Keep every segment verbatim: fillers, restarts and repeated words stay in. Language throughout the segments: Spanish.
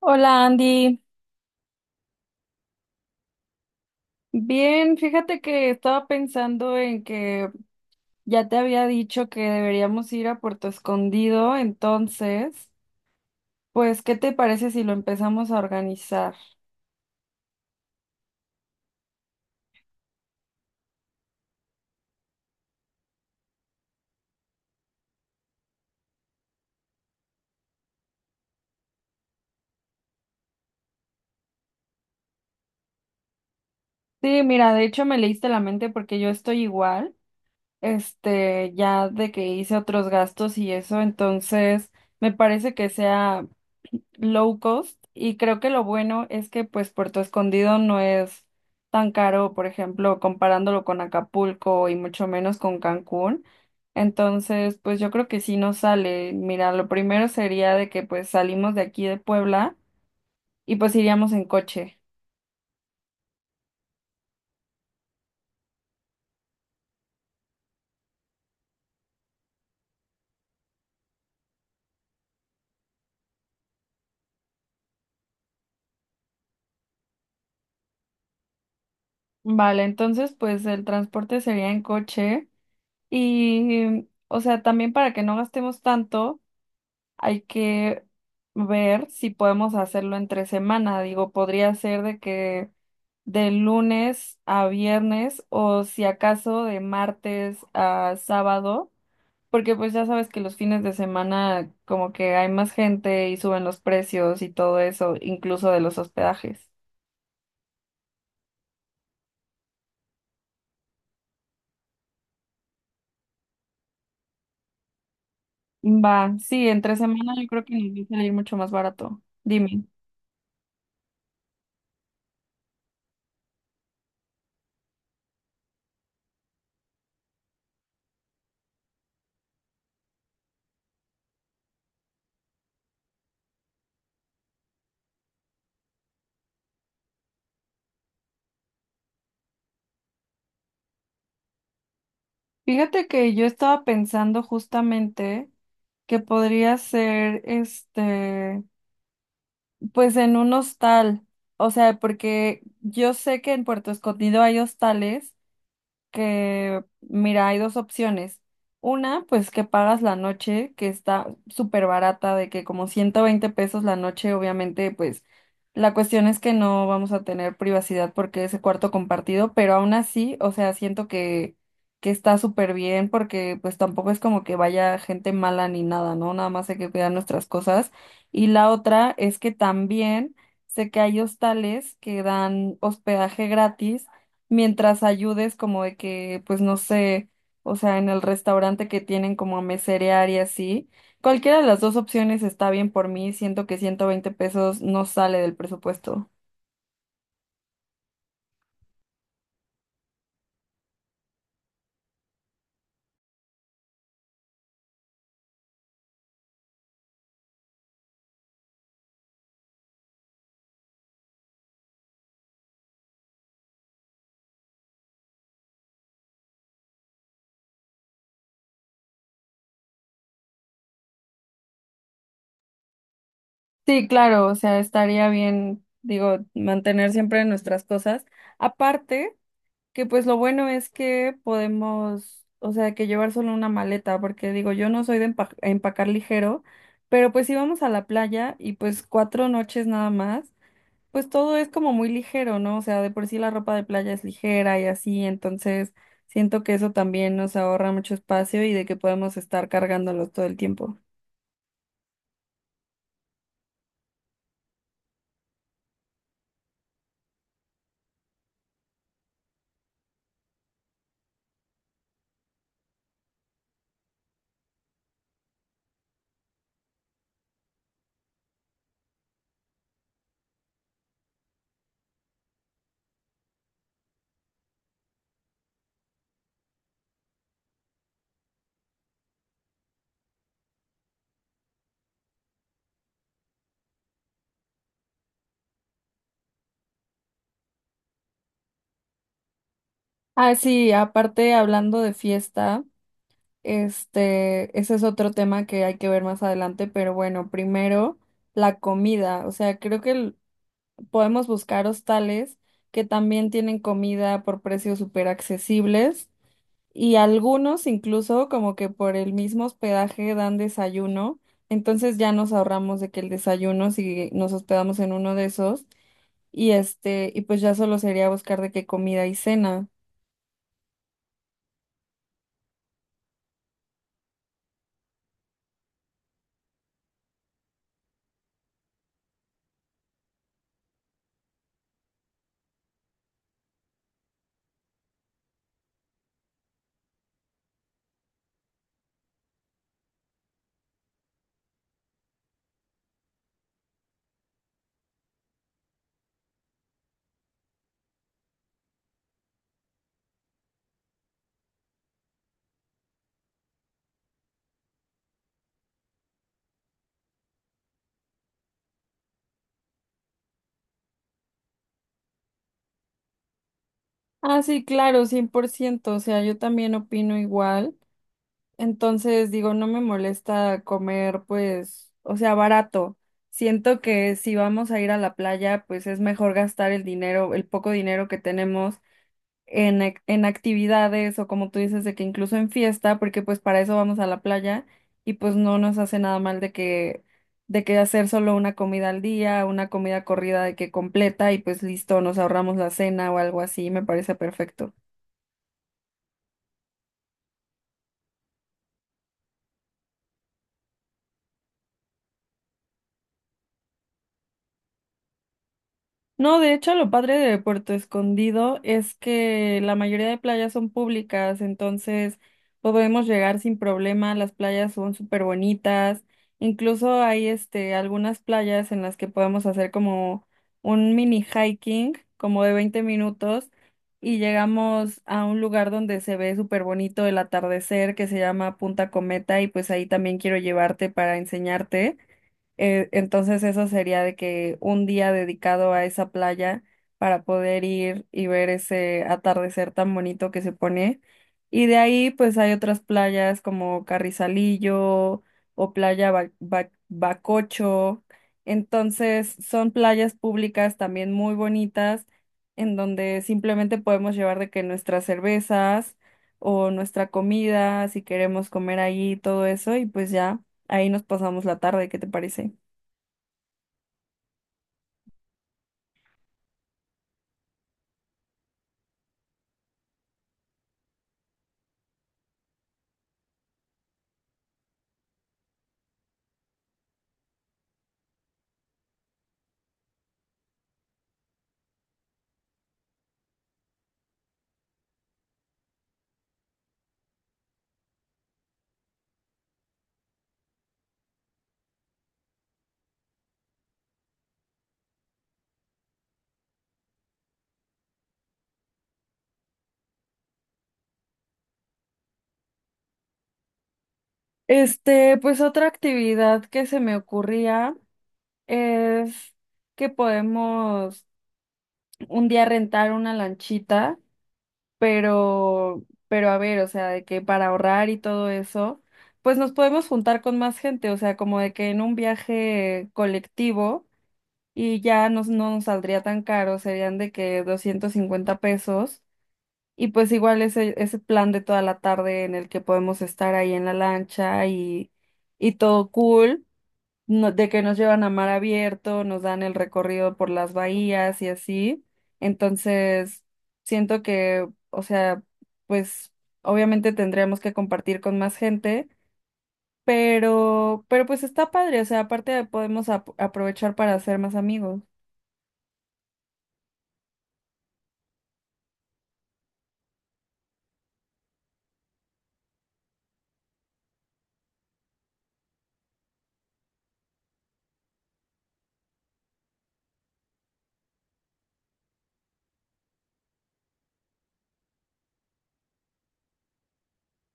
Hola Andy, bien, fíjate que estaba pensando en que ya te había dicho que deberíamos ir a Puerto Escondido, entonces, pues, ¿qué te parece si lo empezamos a organizar? Sí, mira, de hecho me leíste la mente porque yo estoy igual. Este, ya de que hice otros gastos y eso, entonces me parece que sea low cost y creo que lo bueno es que pues Puerto Escondido no es tan caro, por ejemplo, comparándolo con Acapulco y mucho menos con Cancún. Entonces, pues yo creo que sí nos sale. Mira, lo primero sería de que pues salimos de aquí de Puebla y pues iríamos en coche. Vale, entonces pues el transporte sería en coche. Y, o sea, también para que no gastemos tanto, hay que ver si podemos hacerlo entre semana. Digo, podría ser de que de lunes a viernes o si acaso de martes a sábado, porque pues ya sabes que los fines de semana como que hay más gente y suben los precios y todo eso, incluso de los hospedajes. Va, sí, entre semana yo creo que nos va a salir mucho más barato. Dime. Fíjate que yo estaba pensando justamente que podría ser este, pues en un hostal, o sea, porque yo sé que en Puerto Escondido hay hostales que, mira, hay dos opciones. Una, pues que pagas la noche, que está súper barata, de que como ciento veinte pesos la noche, obviamente, pues la cuestión es que no vamos a tener privacidad porque es el cuarto compartido, pero aún así, o sea, siento que, que está súper bien porque pues tampoco es como que vaya gente mala ni nada, ¿no? Nada más hay que cuidar nuestras cosas. Y la otra es que también sé que hay hostales que dan hospedaje gratis mientras ayudes como de que, pues no sé, o sea, en el restaurante que tienen como a meserear y así. Cualquiera de las dos opciones está bien por mí, siento que ciento veinte pesos no sale del presupuesto. Sí, claro, o sea, estaría bien, digo, mantener siempre nuestras cosas. Aparte, que pues lo bueno es que podemos, o sea, que llevar solo una maleta, porque digo, yo no soy de empa- empacar ligero, pero pues íbamos a la playa y pues cuatro noches nada más. Pues todo es como muy ligero, ¿no? O sea, de por sí la ropa de playa es ligera y así, entonces siento que eso también nos ahorra mucho espacio y de que podemos estar cargándolos todo el tiempo. Ah, sí, aparte hablando de fiesta, este, ese es otro tema que hay que ver más adelante, pero bueno, primero la comida, o sea, creo que el- podemos buscar hostales que también tienen comida por precios súper accesibles. Y algunos incluso como que por el mismo hospedaje dan desayuno, entonces ya nos ahorramos de que el desayuno si nos hospedamos en uno de esos y este y pues ya solo sería buscar de qué comida y cena. Ah, sí, claro, cien por ciento, o sea, yo también opino igual. Entonces digo, no me molesta comer pues, o sea, barato. Siento que si vamos a ir a la playa, pues es mejor gastar el dinero, el poco dinero que tenemos en, ac- en actividades o como tú dices, de que incluso en fiesta, porque pues para eso vamos a la playa y pues no nos hace nada mal de que, de que hacer solo una comida al día, una comida corrida de que completa y pues listo, nos ahorramos la cena o algo así, me parece perfecto. No, de hecho, lo padre de Puerto Escondido es que la mayoría de playas son públicas, entonces podemos llegar sin problema, las playas son súper bonitas, incluso hay este, algunas playas en las que podemos hacer como un mini hiking, como de veinte minutos, y llegamos a un lugar donde se ve súper bonito el atardecer que se llama Punta Cometa y pues ahí también quiero llevarte para enseñarte. Eh, entonces eso sería de que un día dedicado a esa playa para poder ir y ver ese atardecer tan bonito que se pone. Y de ahí pues hay otras playas como Carrizalillo o Playa Ba- Ba- Bacocho. Entonces son playas públicas también muy bonitas en donde simplemente podemos llevar de que nuestras cervezas o nuestra comida, si queremos comer ahí, todo eso y pues ya. Ahí nos pasamos la tarde, ¿qué te parece? Este, pues otra actividad que se me ocurría es que podemos un día rentar una lanchita, pero, pero a ver, o sea, de que para ahorrar y todo eso, pues nos podemos juntar con más gente, o sea, como de que en un viaje colectivo y ya nos, no nos saldría tan caro, serían de que doscientos cincuenta pesos. Y pues igual ese, ese plan de toda la tarde en el que podemos estar ahí en la lancha y, y todo cool, no- de que nos llevan a mar abierto, nos dan el recorrido por las bahías y así. Entonces, siento que, o sea, pues obviamente tendríamos que compartir con más gente, pero, pero pues está padre, o sea, aparte podemos ap- aprovechar para hacer más amigos.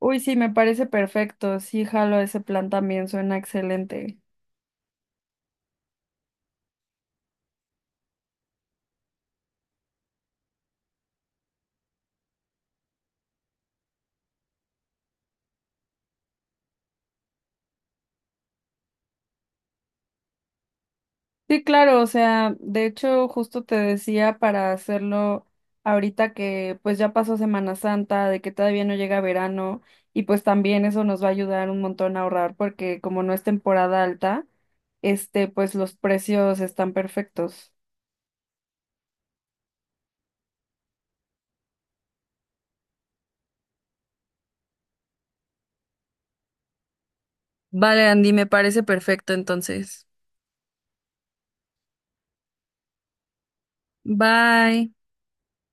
Uy, sí, me parece perfecto, sí, jalo ese plan también, suena excelente. Sí, claro, o sea, de hecho justo te decía para hacerlo ahorita que pues ya pasó Semana Santa, de que todavía no llega verano y pues también eso nos va a ayudar un montón a ahorrar porque como no es temporada alta, este pues los precios están perfectos. Vale, Andy, me parece perfecto entonces. Bye.